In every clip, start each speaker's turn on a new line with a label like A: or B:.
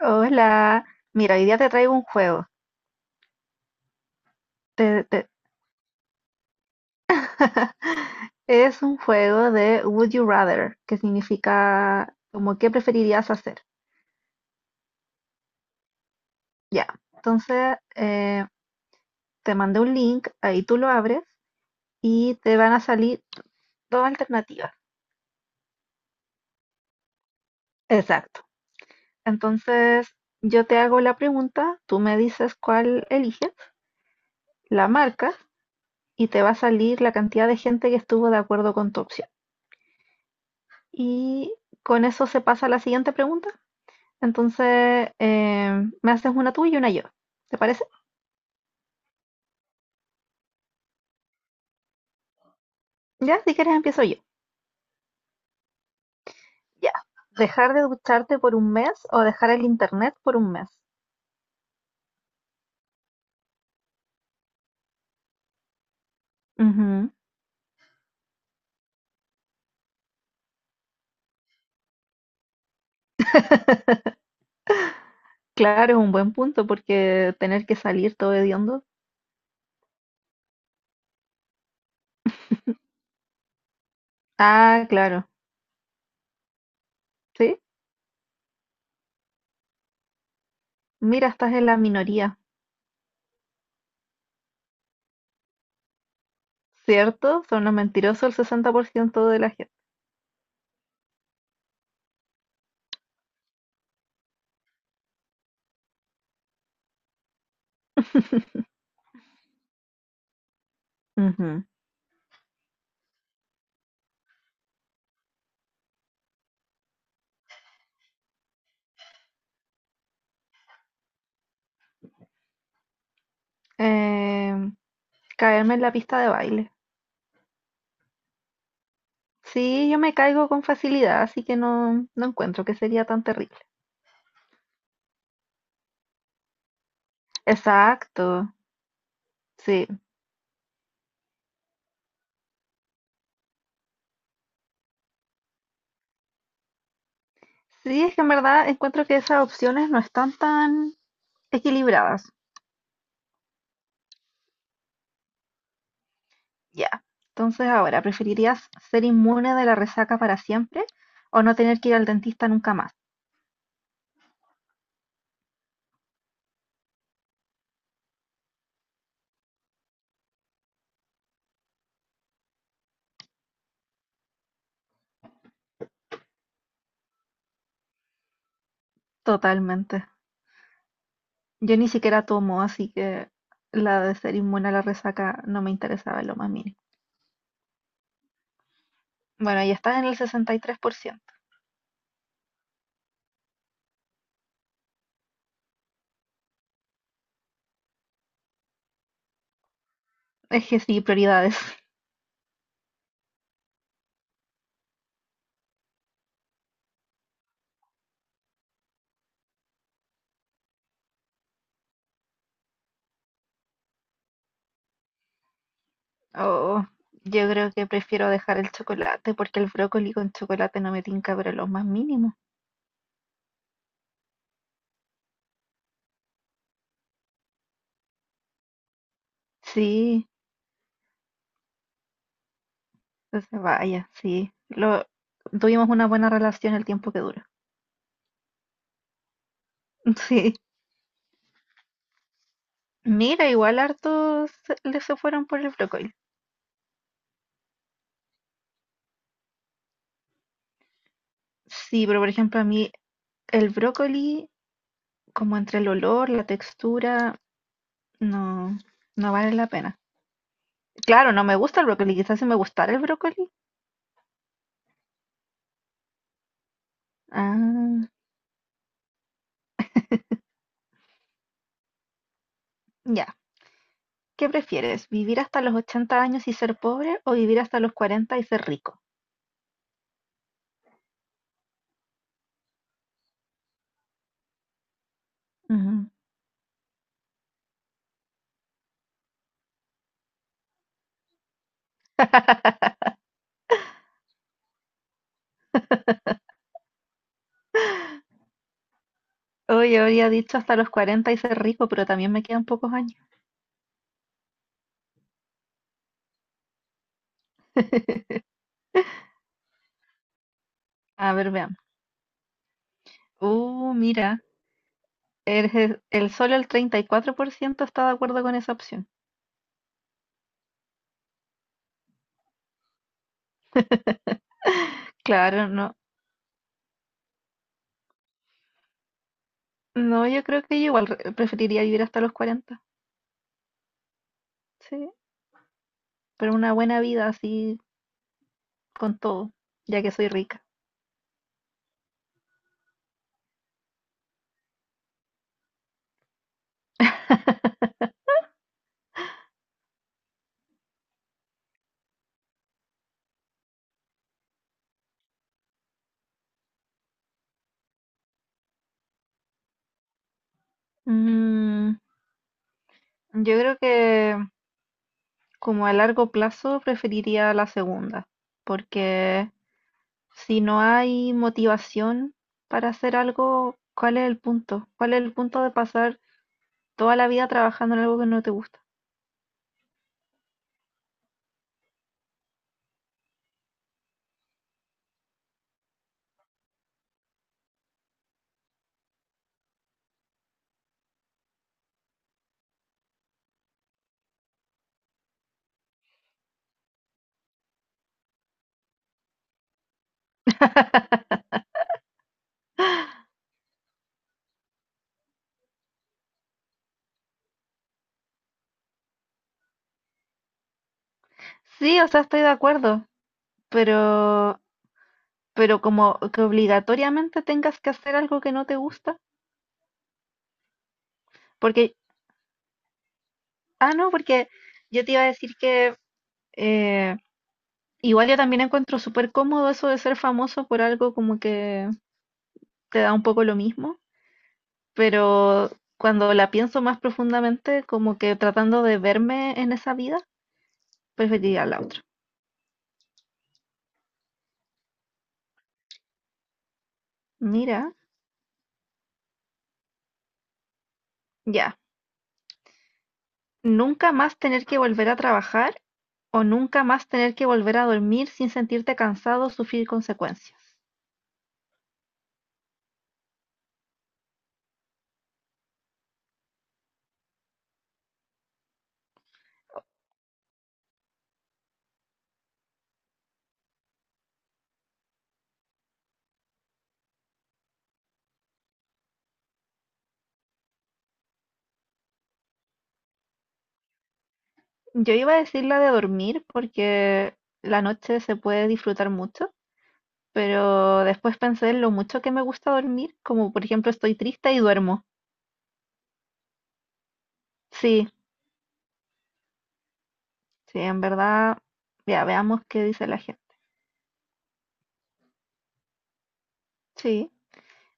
A: Hola, mira, hoy día te traigo un juego. Te- te- es un juego de Would You Rather, que significa como qué preferirías hacer. Ya, entonces te mandé un link, ahí tú lo abres y te van a salir dos alternativas. Exacto. Entonces, yo te hago la pregunta, tú me dices cuál eliges, la marcas y te va a salir la cantidad de gente que estuvo de acuerdo con tu opción. Y con eso se pasa a la siguiente pregunta. Entonces, me haces una tú y una yo. ¿Te parece? Ya, si quieres empiezo yo. Ya. Dejar de ducharte por un mes o dejar el internet por un mes. Ujú. Claro, es un buen punto porque tener que salir todo hediondo. Ah, claro. Sí. Mira, estás en la minoría. ¿Cierto? Son los mentirosos el 60% de la gente. Ujú. Em, caerme en la pista de baile. Sí, yo me caigo con facilidad, así que no, no encuentro que sería tan terrible. Exacto. Sí, sí, es que en verdad encuentro que esas opciones no están tan equilibradas. Ya. Entonces, ahora, ¿preferirías ser inmune de la resaca para siempre o no tener que ir al dentista nunca más? Totalmente. Yo ni siquiera tomo, así que la de ser inmune a la resaca no me interesaba en lo más mínimo. Bueno, ya está en el 63%. Es que sí, prioridades. Oh, yo creo que prefiero dejar el chocolate porque el brócoli con chocolate no me tinca, pero lo más mínimo. Sí. Que se vaya, sí. Lo, tuvimos una buena relación el tiempo que dura. Sí. Mira, igual hartos le se fueron por el brócoli. Sí, pero por ejemplo a mí el brócoli, como entre el olor, la textura, no, no vale la pena. Claro, no me gusta el brócoli, quizás si me gustara el brócoli. Ah, ya. ¿Qué prefieres? ¿Vivir hasta los 80 años y ser pobre o vivir hasta los 40 y ser rico? Ujú. Hoy habría dicho hasta los 40 y ser rico, pero también me quedan pocos años. A ver, veamos. Mira, solo el 34% está de acuerdo con esa opción. Claro, no. No, yo creo que yo igual preferiría vivir hasta los 40. Sí, pero una buena vida así con todo, ya que soy rica. Mm, yo creo que como a largo plazo preferiría la segunda, porque si no hay motivación para hacer algo, ¿cuál es el punto? ¿Cuál es el punto de pasar toda la vida trabajando en algo que no te gusta? Sí, o sea, estoy de acuerdo, pero, pero como que obligatoriamente tengas que hacer algo que no te gusta, porque, ah, no, porque yo te iba a decir que eh, igual yo también encuentro súper cómodo eso de ser famoso por algo como que te da un poco lo mismo, pero cuando la pienso más profundamente, como que tratando de verme en esa vida, preferiría la otra. Mira, ya. ¿Nunca más tener que volver a trabajar? ¿O nunca más tener que volver a dormir sin sentirte cansado o sufrir consecuencias? Yo iba a decir la de dormir porque la noche se puede disfrutar mucho, pero después pensé en lo mucho que me gusta dormir, como por ejemplo estoy triste y duermo. Sí, sí, en verdad, ya veamos qué dice la gente. Sí,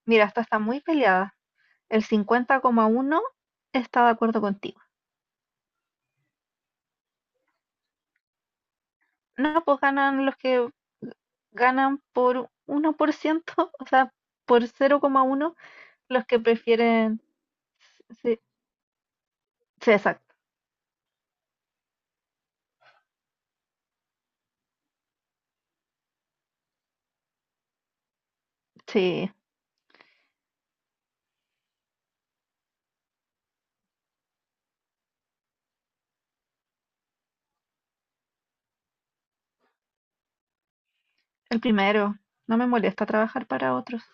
A: mira, esta está muy peleada. El 50,1 está de acuerdo contigo. No, pues ganan los que ganan por 1%, o sea, por 0,1 los que prefieren. Sí, sí, exacto. Sí, el primero. No me molesta trabajar para otros.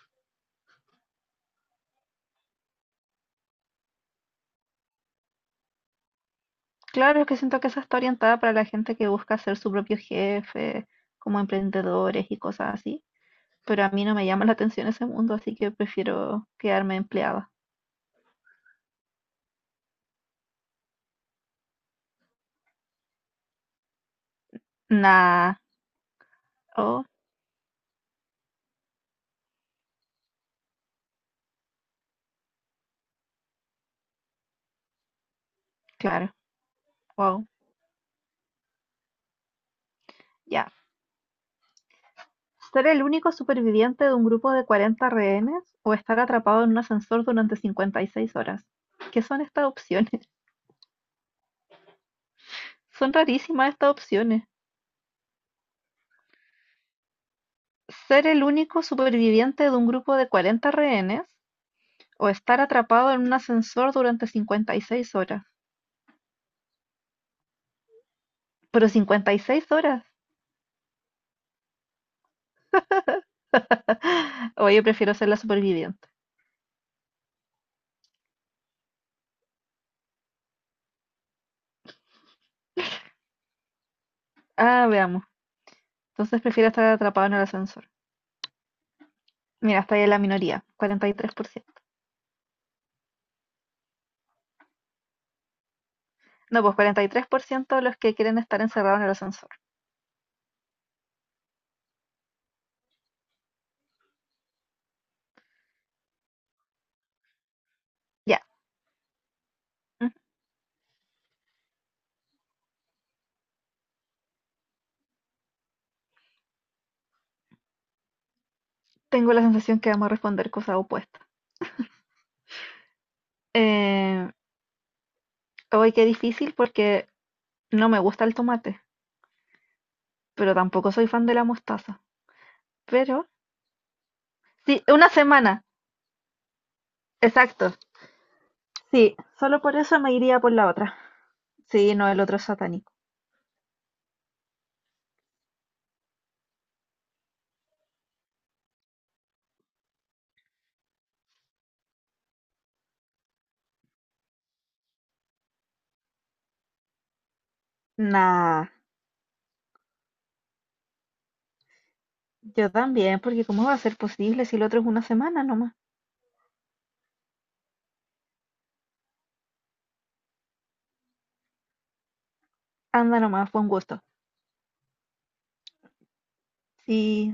A: Claro, es que siento que esa está orientada para la gente que busca ser su propio jefe, como emprendedores y cosas así. Pero a mí no me llama la atención ese mundo, así que prefiero quedarme empleada. Nah. Oh, claro. Wow. Ya. ¿Ser el único superviviente de un grupo de 40 rehenes o estar atrapado en un ascensor durante 56 horas? ¿Qué son estas opciones? Son rarísimas estas opciones. ¿Ser el único superviviente de un grupo de 40 rehenes o estar atrapado en un ascensor durante 56 horas? Pero 56 horas. Oye, prefiero ser la superviviente. Ah, veamos. Entonces prefiero estar atrapado en el ascensor. Mira, está ahí en la minoría, 43%. No, pues 43% de los que quieren estar encerrados en el ascensor. Ya, ujú. Tengo la sensación que vamos a responder cosas opuestas. Eh, hoy qué difícil porque no me gusta el tomate, pero tampoco soy fan de la mostaza. Pero, sí, una semana, exacto. Sí, solo por eso me iría por la otra. Sí, no, el otro es satánico. Nah, yo también, porque ¿cómo va a ser posible si el otro es una semana nomás? Anda nomás, fue un gusto. Sí,